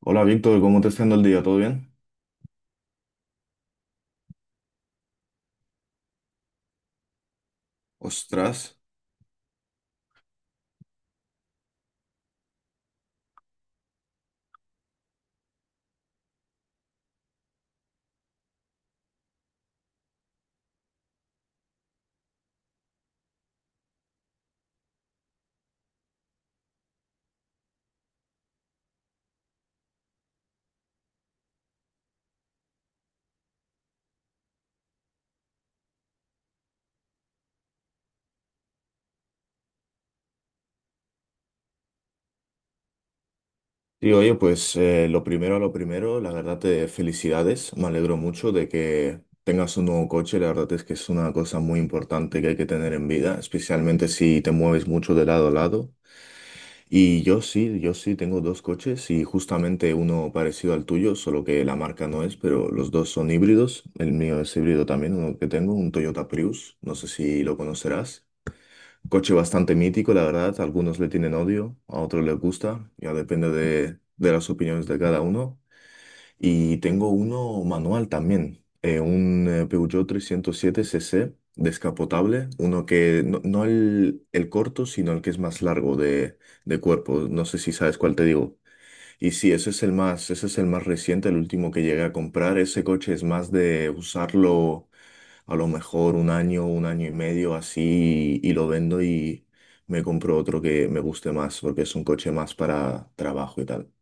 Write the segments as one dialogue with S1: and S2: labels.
S1: Hola Víctor, ¿cómo te está yendo el día? ¿Todo bien? Ostras. Y oye, pues lo primero a lo primero, la verdad te felicidades. Me alegro mucho de que tengas un nuevo coche. La verdad es que es una cosa muy importante que hay que tener en vida, especialmente si te mueves mucho de lado a lado. Y yo sí tengo dos coches y justamente uno parecido al tuyo, solo que la marca no es, pero los dos son híbridos. El mío es híbrido también, uno que tengo, un Toyota Prius. No sé si lo conocerás. Un coche bastante mítico, la verdad. Algunos le tienen odio, a otros les gusta. Ya depende de las opiniones de cada uno. Y tengo uno manual también, un Peugeot 307cc descapotable, uno que no, el corto, sino el que es más largo de cuerpo. No sé si sabes cuál te digo. Y sí, ese es el más reciente, el último que llegué a comprar. Ese coche es más de usarlo a lo mejor un año y medio así y lo vendo y me compro otro que me guste más porque es un coche más para trabajo y tal.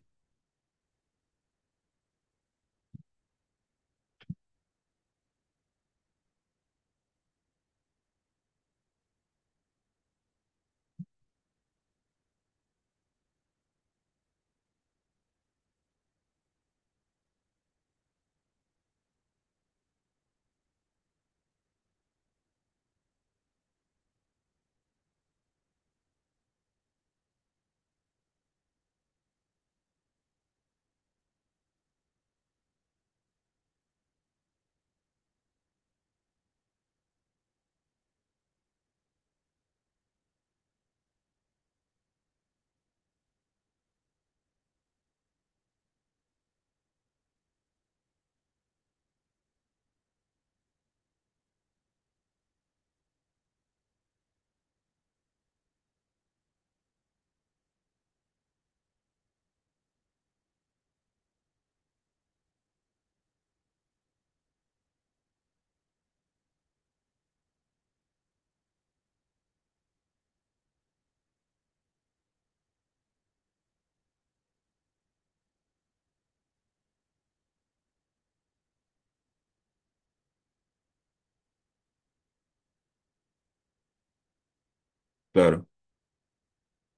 S1: Claro,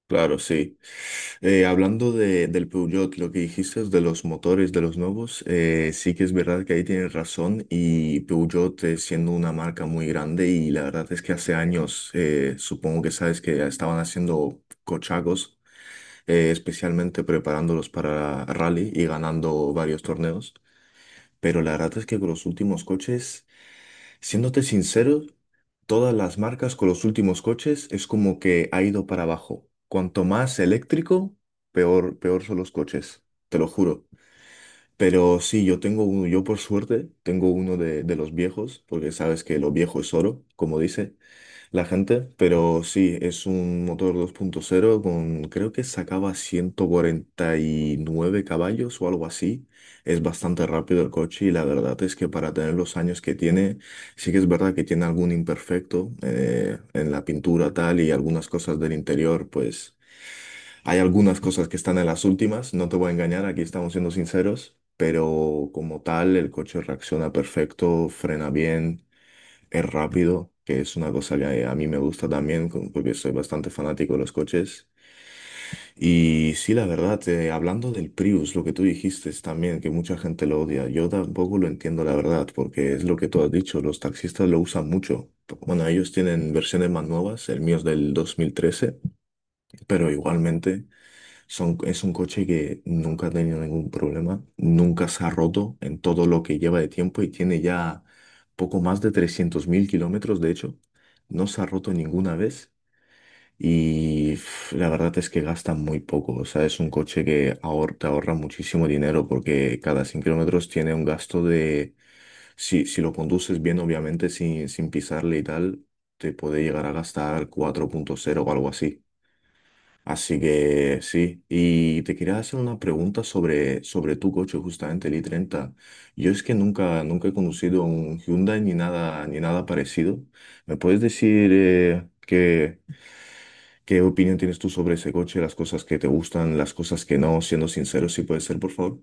S1: claro, sí. Hablando del Peugeot, lo que dijiste es de los motores, de los nuevos, sí que es verdad que ahí tienes razón y Peugeot siendo una marca muy grande y la verdad es que hace años, supongo que sabes que estaban haciendo cochagos, especialmente preparándolos para rally y ganando varios torneos, pero la verdad es que con los últimos coches, siéndote sincero, todas las marcas con los últimos coches es como que ha ido para abajo. Cuanto más eléctrico, peor son los coches, te lo juro. Pero sí, yo tengo uno, yo por suerte tengo uno de los viejos, porque sabes que lo viejo es oro, como dice la gente, pero sí, es un motor 2.0 con, creo que sacaba 149 caballos o algo así. Es bastante rápido el coche y la verdad es que para tener los años que tiene, sí que es verdad que tiene algún imperfecto en la pintura tal y algunas cosas del interior, pues hay algunas cosas que están en las últimas, no te voy a engañar, aquí estamos siendo sinceros. Pero como tal, el coche reacciona perfecto, frena bien, es rápido, que es una cosa que a mí me gusta también, porque soy bastante fanático de los coches. Y sí, la verdad, hablando del Prius, lo que tú dijiste es también que mucha gente lo odia. Yo tampoco lo entiendo, la verdad, porque es lo que tú has dicho, los taxistas lo usan mucho. Bueno, ellos tienen versiones más nuevas, el mío es del 2013, pero igualmente es un coche que nunca ha tenido ningún problema, nunca se ha roto en todo lo que lleva de tiempo y tiene ya poco más de 300.000 kilómetros, de hecho. No se ha roto ninguna vez y pf, la verdad es que gasta muy poco. O sea, es un coche que te ahorra muchísimo dinero porque cada 100 kilómetros tiene un gasto de... si lo conduces bien, obviamente, sin pisarle y tal, te puede llegar a gastar 4,0 o algo así. Así que sí, y te quería hacer una pregunta sobre tu coche, justamente el i treinta. Yo es que nunca he conducido un Hyundai ni nada, ni nada parecido. ¿Me puedes decir qué opinión tienes tú sobre ese coche, las cosas que te gustan, las cosas que no, siendo sincero, si puede ser, por favor?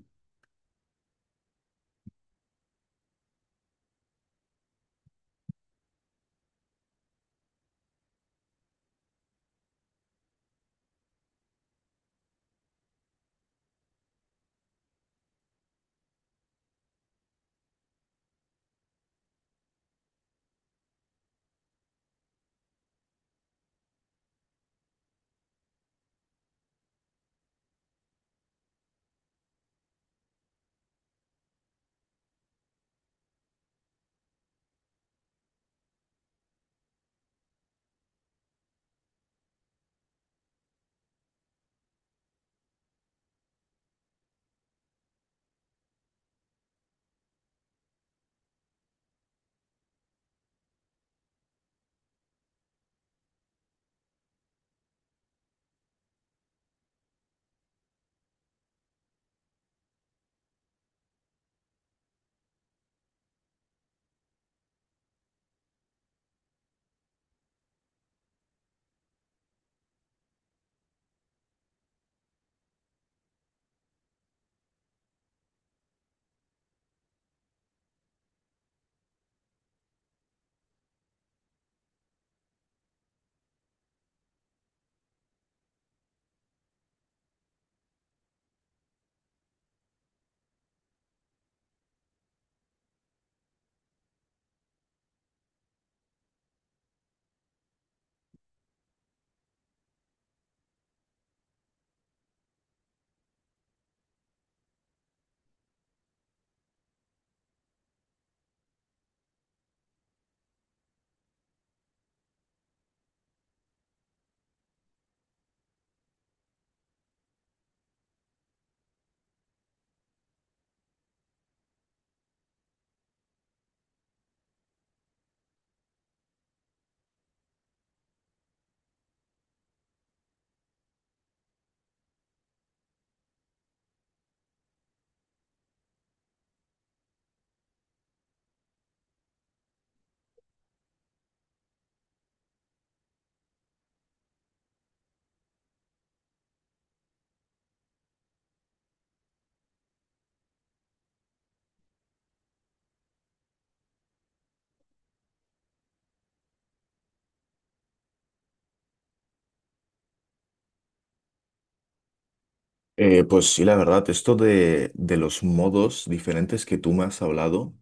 S1: Pues sí, la verdad, esto de los modos diferentes que tú me has hablado,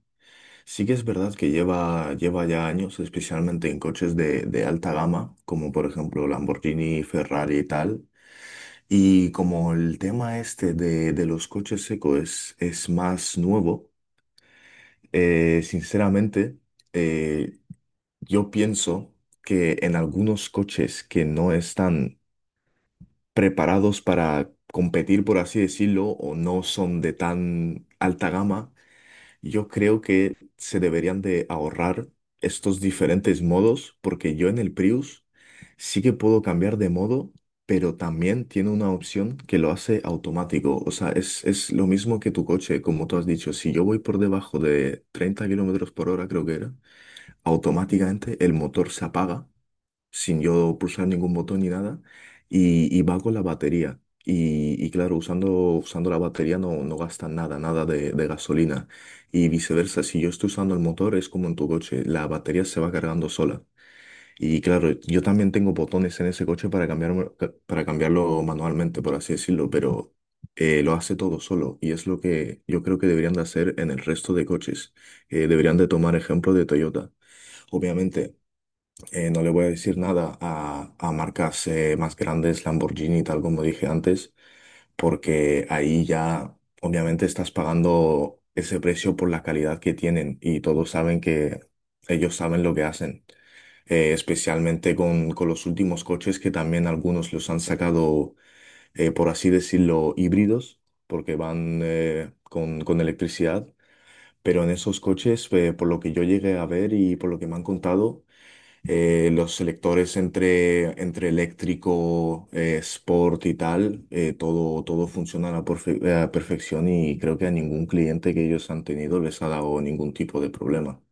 S1: sí que es verdad que lleva ya años, especialmente en coches de alta gama, como por ejemplo Lamborghini, Ferrari y tal. Y como el tema este de los coches eco es más nuevo, sinceramente, eh, yo pienso que en algunos coches que no están preparados para competir, por así decirlo, o no son de tan alta gama, yo creo que se deberían de ahorrar estos diferentes modos porque yo en el Prius sí que puedo cambiar de modo, pero también tiene una opción que lo hace automático. O sea, es lo mismo que tu coche, como tú has dicho. Si yo voy por debajo de 30 kilómetros por hora, creo que era, automáticamente el motor se apaga sin yo pulsar ningún botón ni nada, y va con la batería. Y claro, usando la batería no gasta nada, nada de gasolina. Y viceversa, si yo estoy usando el motor, es como en tu coche, la batería se va cargando sola. Y claro, yo también tengo botones en ese coche para cambiarlo manualmente, por así decirlo, pero lo hace todo solo. Y es lo que yo creo que deberían de hacer en el resto de coches. Deberían de tomar ejemplo de Toyota. Obviamente. No le voy a decir nada a marcas más grandes, Lamborghini, tal como dije antes, porque ahí ya obviamente estás pagando ese precio por la calidad que tienen y todos saben que ellos saben lo que hacen especialmente con los últimos coches que también algunos los han sacado, por así decirlo, híbridos, porque van con electricidad. Pero en esos coches, por lo que yo llegué a ver y por lo que me han contado, los selectores entre eléctrico, sport y tal, todo funciona a la a perfección y creo que a ningún cliente que ellos han tenido les ha dado ningún tipo de problema.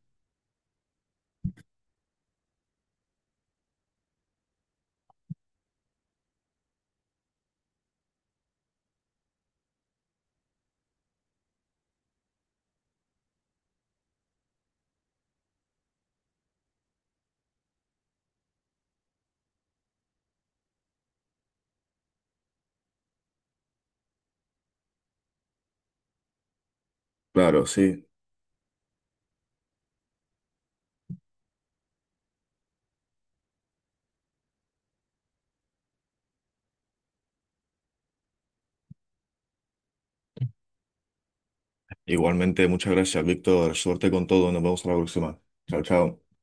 S1: Claro, sí. Igualmente, muchas gracias, Víctor. Suerte con todo. Nos vemos a la próxima. Chao, chao.